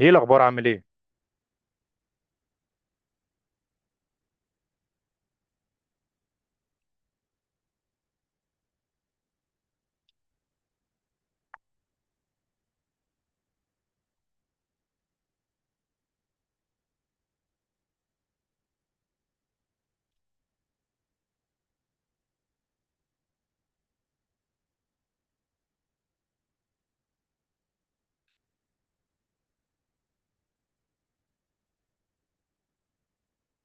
ايه الاخبار، عامل ايه؟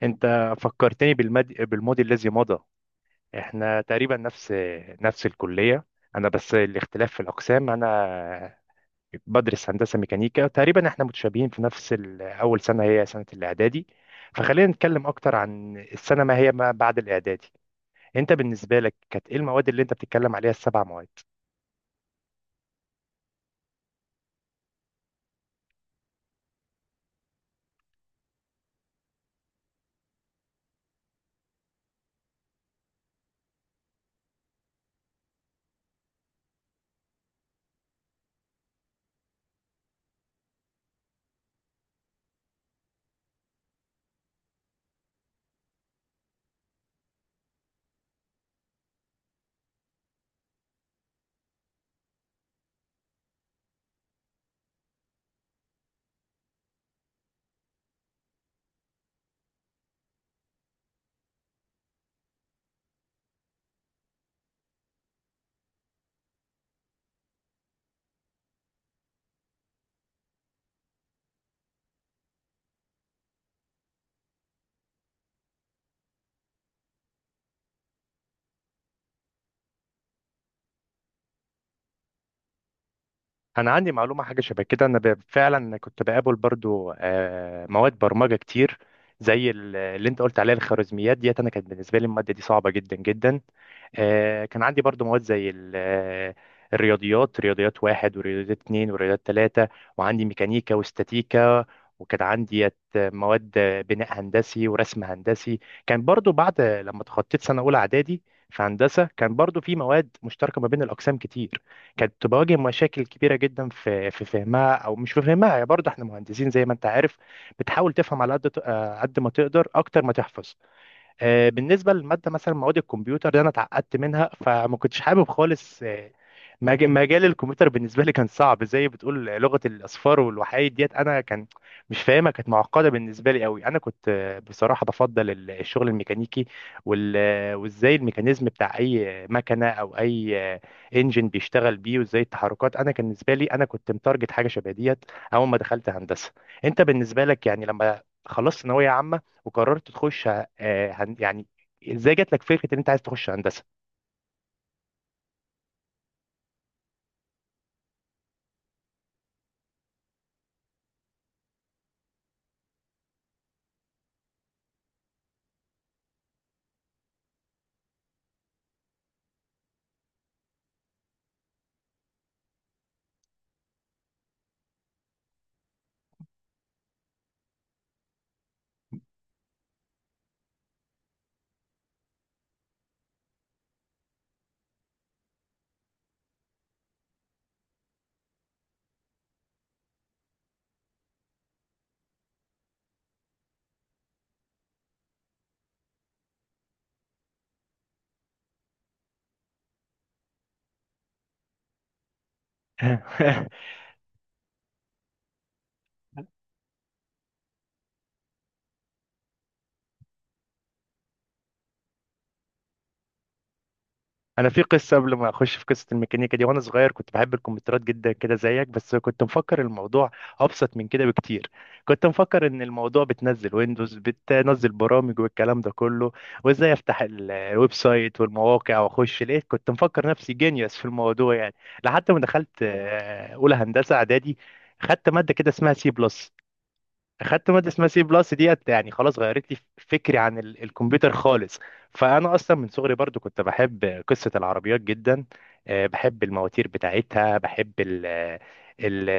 انت فكرتني بالماضي الذي مضى. احنا تقريبا نفس الكليه. انا بس الاختلاف في الاقسام، انا بدرس هندسه ميكانيكا. تقريبا احنا متشابهين في نفس اول سنه، هي سنه الاعدادي. فخلينا نتكلم اكتر عن السنه، ما هي ما بعد الاعدادي. انت بالنسبه لك كانت ايه المواد اللي انت بتتكلم عليها، السبع مواد؟ انا عندي معلومه حاجه شبه كده. انا فعلا كنت بقابل برضو مواد برمجه كتير زي اللي انت قلت عليها الخوارزميات ديت، انا كانت بالنسبه لي الماده دي صعبه جدا جدا. كان عندي برضو مواد زي الرياضيات، رياضيات واحد ورياضيات اتنين ورياضيات تلاتة، وعندي ميكانيكا واستاتيكا، وكان عندي مواد بناء هندسي ورسم هندسي. كان برضو بعد لما تخطيت سنة أولى إعدادي في هندسة، كان برضو في مواد مشتركة ما بين الأقسام كتير، كانت بواجه مشاكل كبيرة جدا في فهمها، أو مش في فهمها. يعني برضو احنا مهندسين زي ما أنت عارف، بتحاول تفهم على قد ت- آه، قد ما تقدر أكتر ما تحفظ. بالنسبه للماده مثلا، مواد الكمبيوتر دي انا اتعقدت منها، فما كنتش حابب خالص مجال الكمبيوتر. بالنسبه لي كان صعب، زي بتقول لغه الاصفار والوحايد ديت، انا كان مش فاهمها، كانت معقده بالنسبه لي قوي. انا كنت بصراحه بفضل الشغل الميكانيكي وازاي الميكانيزم بتاع اي مكنه او اي انجن بيشتغل بيه وازاي التحركات. انا كان بالنسبه لي، انا كنت متارجت حاجه شبه ديت اول ما دخلت هندسه. انت بالنسبه لك يعني لما خلصت ثانويه عامه وقررت تخش آه، هن- يعني ازاي جات لك فكره ان انت عايز تخش هندسه؟ انا في قصه قبل ما اخش في قصه الميكانيكا دي. وانا صغير كنت بحب الكمبيوترات جدا كده زيك، بس كنت مفكر الموضوع ابسط من كده بكتير. كنت مفكر ان الموضوع بتنزل ويندوز، بتنزل برامج والكلام ده كله، وازاي افتح الويب سايت والمواقع واخش. لقيت كنت مفكر نفسي جينيوس في الموضوع يعني، لحد ما دخلت اولى هندسه اعدادي. خدت ماده كده اسمها سي بلس. اخدت ماده اسمها سي بلس ديت يعني خلاص غيرت لي فكري عن الكمبيوتر خالص. فانا اصلا من صغري برضو كنت بحب قصه العربيات جدا. بحب المواتير بتاعتها، بحب ال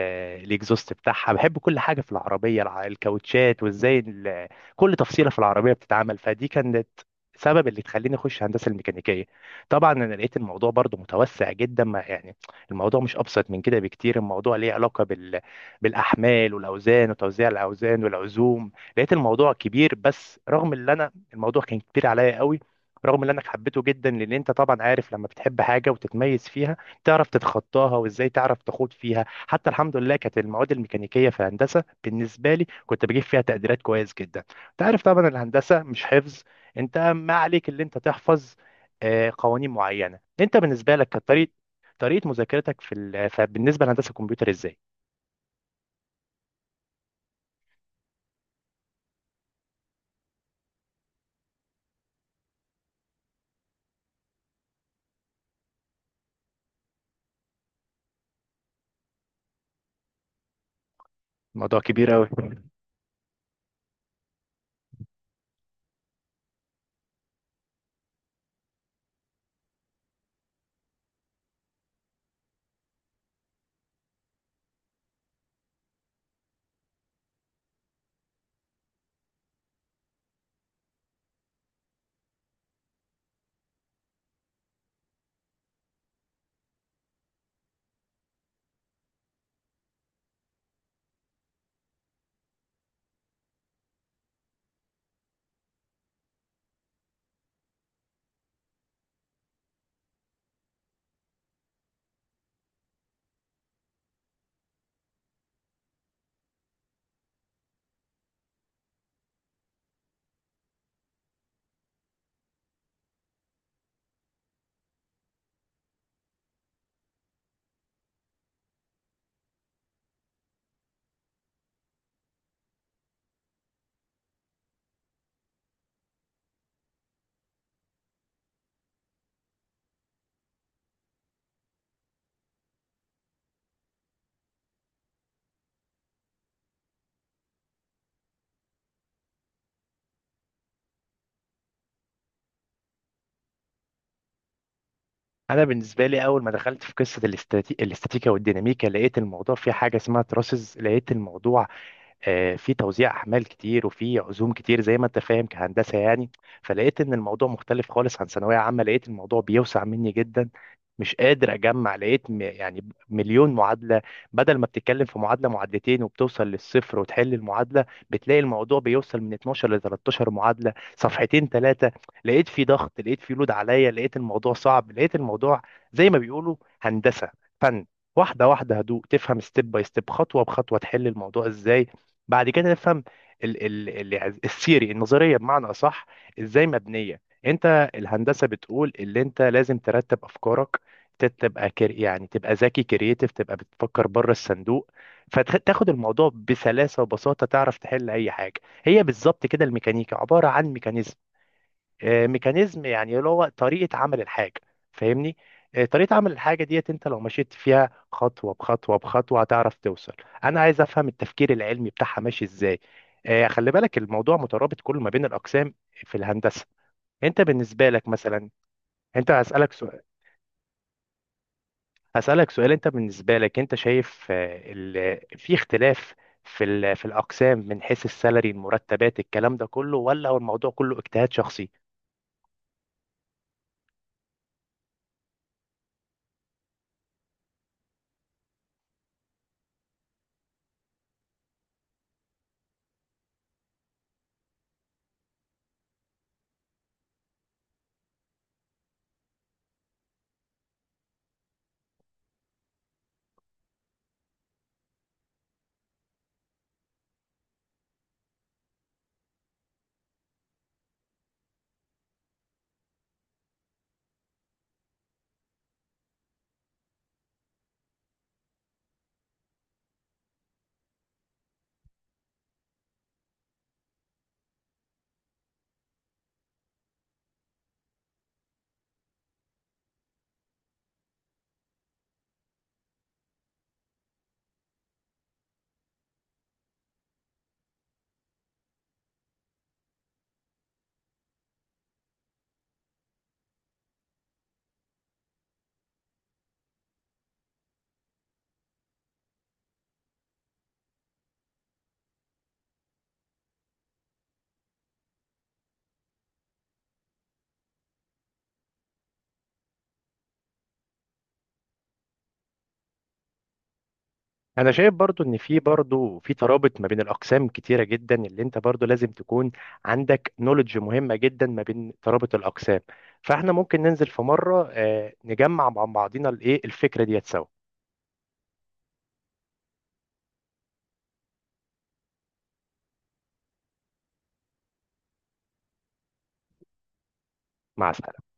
الاكزوست بتاعها، بحب كل حاجه في العربيه، الكاوتشات، وازاي كل تفصيله في العربيه بتتعمل. فدي كانت سبب اللي تخليني اخش هندسه الميكانيكيه. طبعا انا لقيت الموضوع برضو متوسع جدا، ما يعني الموضوع مش ابسط من كده بكتير. الموضوع ليه علاقه بالاحمال والاوزان وتوزيع الاوزان والعزوم. لقيت الموضوع كبير. بس رغم اللي انا، الموضوع كان كبير عليا قوي، رغم اللي انا حبيته جدا، لان انت طبعا عارف لما بتحب حاجه وتتميز فيها، تعرف تتخطاها وازاي تعرف تخوض فيها. حتى الحمد لله كانت المواد الميكانيكيه في هندسه بالنسبه لي كنت بجيب فيها تقديرات كويس جدا. انت عارف طبعا الهندسه مش حفظ، انت ما عليك اللي انت تحفظ قوانين معينه. انت بالنسبه لك كانت طريقه، طريقه مذاكرتك فبالنسبه لهندسه الكمبيوتر ازاي؟ الموضوع كبير قوي. انا بالنسبه لي اول ما دخلت في قصه الاستاتيكا والديناميكا، لقيت الموضوع فيه حاجه اسمها تراسز. لقيت الموضوع في توزيع احمال كتير وفي عزوم كتير زي ما انت فاهم كهندسه يعني. فلقيت ان الموضوع مختلف خالص عن ثانويه عامه، لقيت الموضوع بيوسع مني جدا، مش قادر اجمع. لقيت يعني مليون معادله. بدل ما بتتكلم في معادله، معادلتين، وبتوصل للصفر وتحل المعادله، بتلاقي الموضوع بيوصل من 12 ل 13 معادله، صفحتين ثلاثه. لقيت في ضغط، لقيت في لود عليا، لقيت الموضوع صعب، لقيت الموضوع زي ما بيقولوا هندسه فن. واحده واحده، هدوء، تفهم ستيب باي ستيب، خطوه بخطوه، تحل الموضوع ازاي. بعد كده نفهم ال الثيري، النظريه بمعنى اصح، ازاي مبنيه. انت الهندسه بتقول اللي انت لازم ترتب افكارك، ت- تبقى كر يعني تبقى ذكي، كرييتيف، تبقى بتفكر بره الصندوق، فتاخد الموضوع بسلاسه وبساطه، تعرف تحل اي حاجه. هي بالظبط كده الميكانيكا، عباره عن ميكانيزم. ميكانيزم يعني اللي هو طريقة عمل الحاجة، فاهمني؟ طريقة عمل الحاجة ديت، انت لو مشيت فيها خطوة بخطوة بخطوة هتعرف توصل. انا عايز افهم التفكير العلمي بتاعها ماشي ازاي. خلي بالك الموضوع مترابط كله ما بين الاقسام في الهندسة. انت بالنسبة لك مثلا، انت هسألك سؤال. هسألك سؤال: انت بالنسبة لك انت شايف في اختلاف في الاقسام من حيث السالري، المرتبات، الكلام ده كله، ولا هو الموضوع كله اجتهاد شخصي؟ انا شايف برضو ان في، برضو في ترابط ما بين الاقسام كتيره جدا، اللي انت برضو لازم تكون عندك نولج مهمه جدا ما بين ترابط الاقسام. فاحنا ممكن ننزل في مره نجمع مع بعضينا الايه الفكره ديت سوا. مع السلامه.